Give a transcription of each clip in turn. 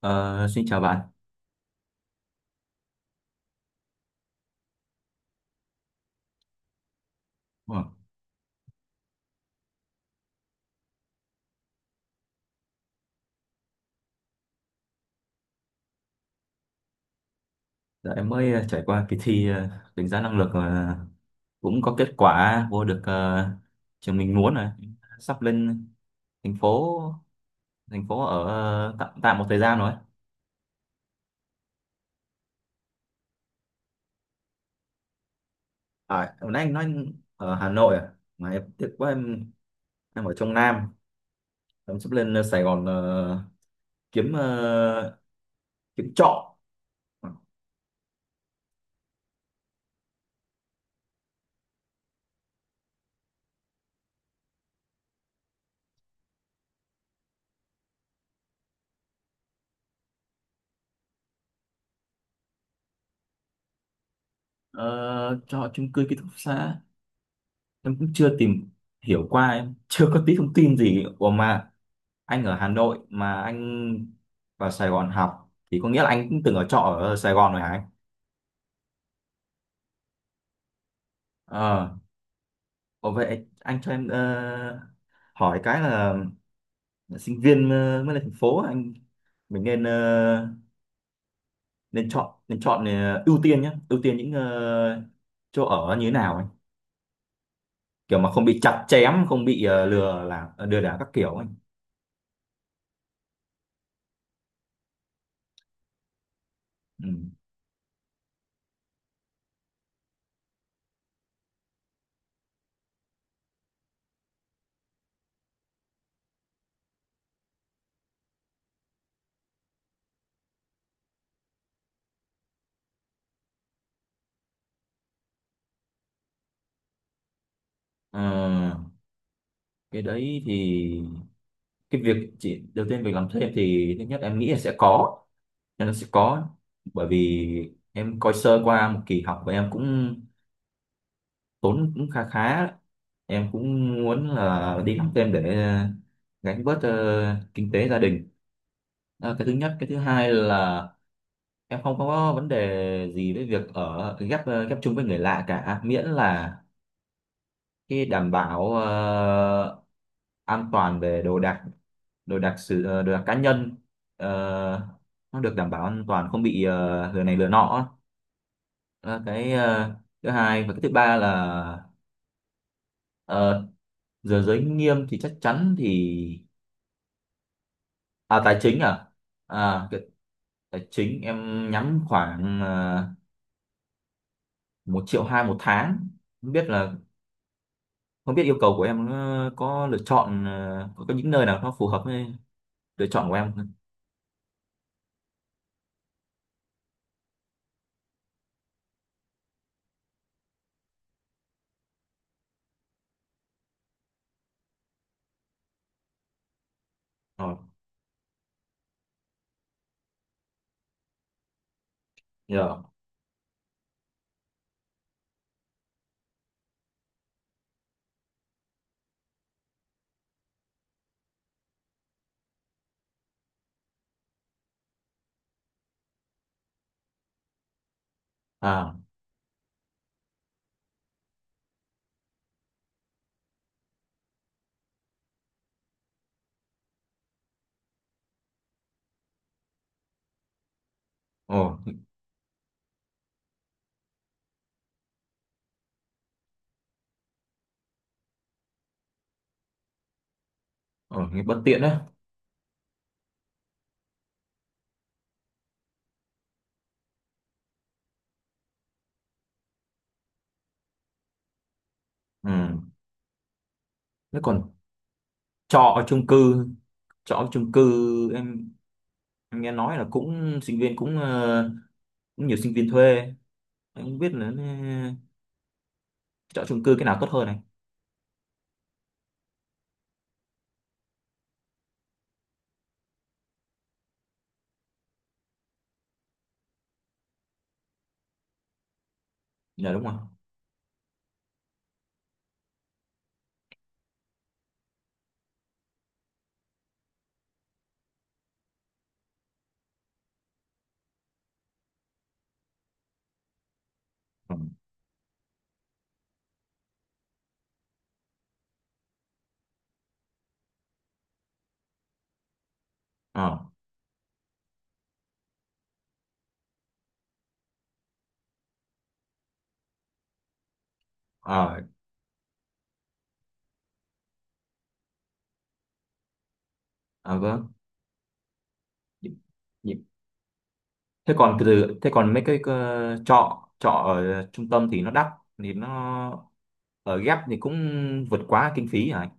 Ờ, Xin chào bạn. Ờ. Dạ, em mới trải qua kỳ thi đánh giá năng lực, cũng có kết quả vô được trường mình muốn rồi. Sắp lên thành phố thành phố ở tạm tạm một thời gian rồi. À, hồi nãy anh nói anh ở Hà Nội à? Mà em tiếc quá, em ở trong Nam. Em sắp lên Sài Gòn, kiếm ờ, kiếm trọ. Ờ, Trọ chung cư, ký túc xá. Em cũng chưa tìm hiểu qua, em chưa có tí thông tin gì. Ủa mà anh ở Hà Nội mà anh vào Sài Gòn học thì có nghĩa là anh cũng từng ở trọ ở Sài Gòn rồi hả anh? Ờ, Ồ, vậy anh cho em hỏi cái là sinh viên mới lên thành phố, anh mình nên ờ, nên chọn ờ, ưu tiên nhé, ưu tiên những chỗ ở như thế nào anh? Kiểu mà không bị chặt chém, không bị lừa đảo các kiểu anh. Ừ. Ờ, cái đấy thì cái việc chỉ đầu tiên, việc làm thêm thì thứ nhất em nghĩ là sẽ có, nên nó sẽ có, bởi vì em coi sơ qua một kỳ học và em cũng tốn cũng khá khá đấy. Em cũng muốn là đi học thêm để gánh bớt kinh tế gia đình. Đó là cái thứ nhất. Cái thứ hai là em không có vấn đề gì với việc ở ghép, ghép chung với người lạ cả, miễn là cái đảm bảo an toàn về Đồ đạc cá nhân ờ, nó được đảm bảo an toàn, không bị lừa này lừa nọ. Đó, cái thứ hai, và cái thứ ba là ờ, giờ giới nghiêm thì chắc chắn thì. À, tài chính à? à cái- Tài chính em nhắm khoảng 1,2 triệu một tháng. Không biết là không biết yêu cầu của em có lựa chọn, có những nơi nào nó phù hợp với lựa chọn của em không? Ờ, giờ. À, ồ, ồ, nghe bất tiện đấy. Ừ, thế còn trọ ở chung cư trọ ở chung cư, em, em nghe nói là cũng sinh viên cũng ờ, cũng nhiều sinh viên thuê. Anh không biết là nên chọn chung cư cái nào tốt hơn này. Dạ, đúng không? Ừ. Ờ. Ờ. À, vâng. Nhịp- thế còn mấy cái trọ trọ ở trung tâm thì nó đắt, thì nó ở ghép thì cũng vượt quá kinh phí hả anh?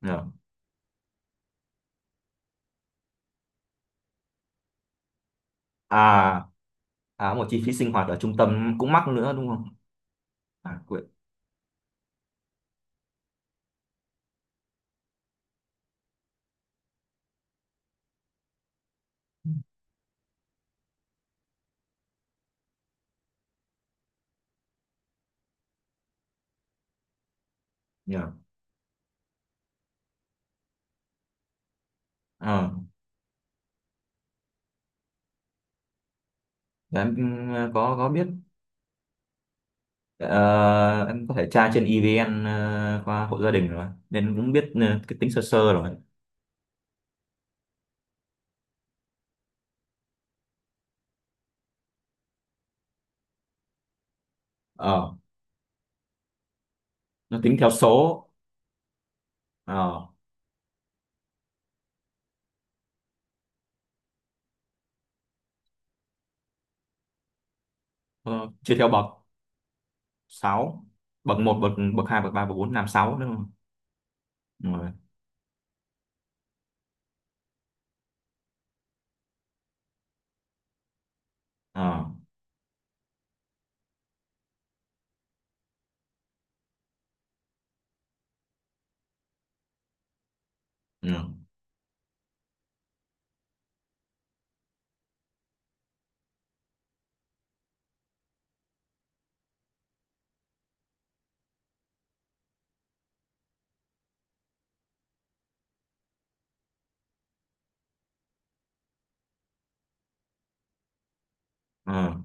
Dạ. À, à, một chi phí sinh hoạt ở trung tâm cũng mắc nữa đúng không? À, quên. Nhờ. ờ để em. Ừ, có biết. Ờ, em có thể tra trên EVN, qua hộ gia đình rồi nên cũng biết cái tính sơ sơ rồi. ờ nó tính theo số. ờ ờ, Chia theo bậc sáu: bậc một, bậc bậc 2, bậc ba, bậc bốn, năm, sáu, đúng không? Đúng rồi. Ờ. Ừ. Ờ.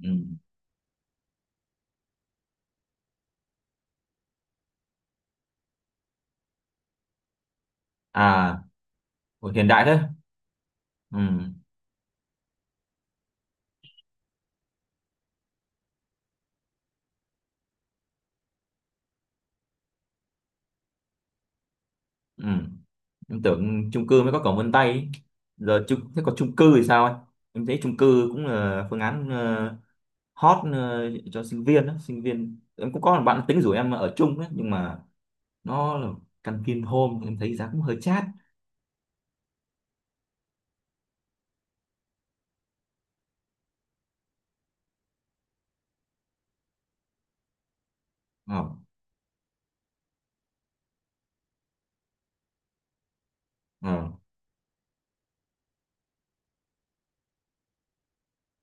Ừ. À. Ủa, hiện đại thế. Ừ. Ừ. Em tưởng chung cư mới có cổng vân tay ý. Giờ chung Thế còn chung cư thì sao anh? Em thấy chung cư cũng là phương án hot, cho sinh viên đó. Sinh viên em cũng có một bạn tính rủ em ở chung đấy, nhưng mà nó là căn Vinhome, em thấy giá cũng hơi chát. Ờ. Ờ.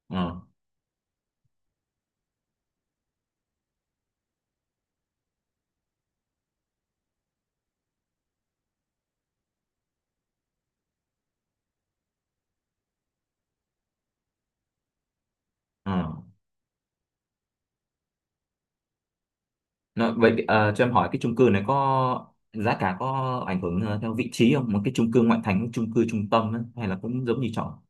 Ờ. Ờ. Vậy cho em hỏi cái chung cư này có giá cả, có ảnh hưởng theo vị trí không? Một cái chung cư ngoại thành, chung cư trung tâm ấy, hay là cũng giống như trọ?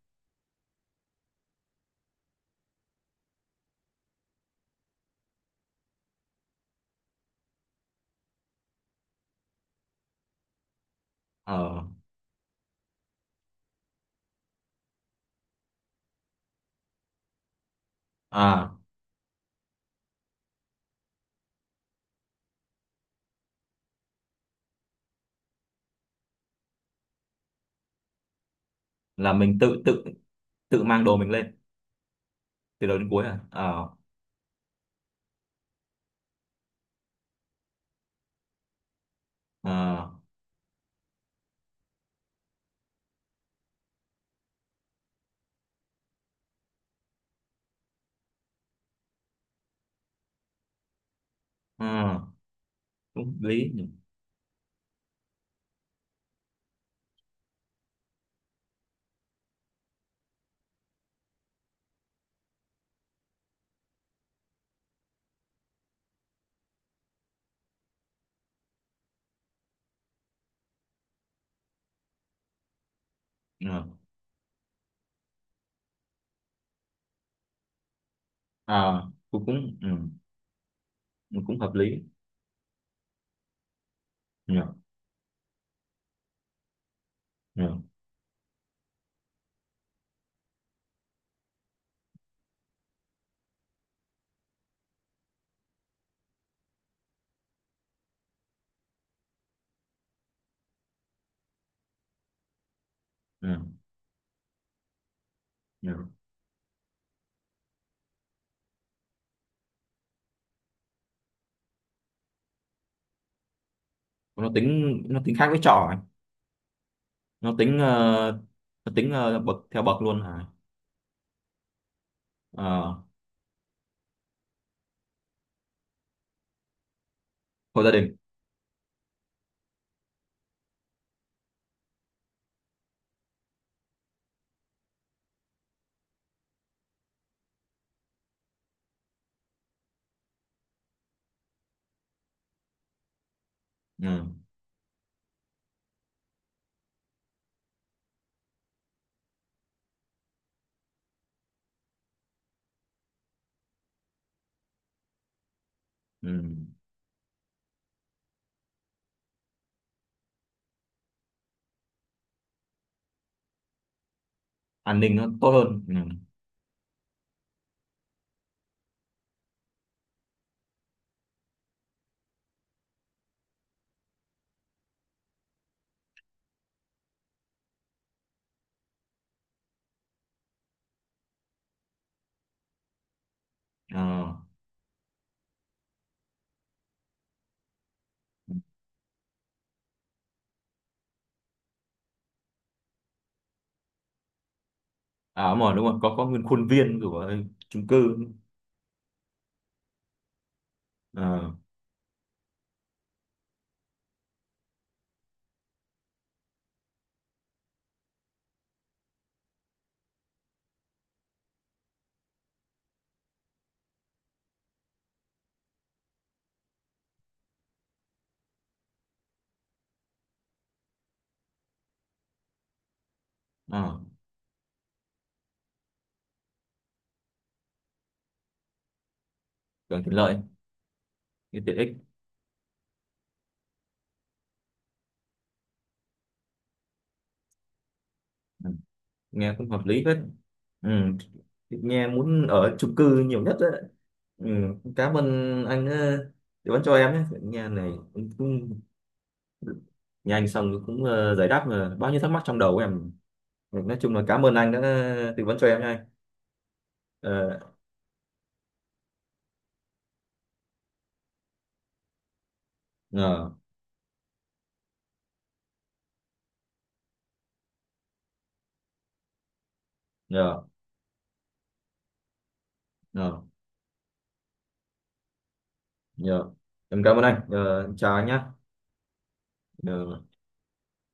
Ờ. À, là mình tự tự tự mang đồ mình lên từ đầu đến cuối à? Ờ. Ờ. Ờ. Cũng hợp lý nhỉ. Ờ. Ờ. cũng cũng Ừ, cũng hợp lý. Nhỉ, nhỉ, nhỉ, nhỉ. Nó tính khác với trọ à? nó tính ờ, nó tính bậc theo bậc luôn à? Ờ, hộ gia đình. Ừ, ừ. An ninh nó tốt hơn. Ừ. Ờ. À, đúng rồi, đúng rồi, có nguyên khuôn viên của chung cư. Ờ. Ờ. Càng tiện lợi. Cái tiện ích. Ừ. Nghe cũng hợp lý hết. Ừ. Nghe muốn ở chung cư nhiều nhất đấy. Ừ. Cảm ơn anh đã tư vấn cho em nhé, nghe này cũng, nghe anh xong cũng giải đáp bao nhiêu thắc mắc trong đầu của em. Ừ, nói chung là cảm ơn anh đã tư vấn cho em nha. ờ Nhờ, nhờ, nhờ, nhờ. Em cảm ơn anh. Ờ, Chào anh nhé. Ờ.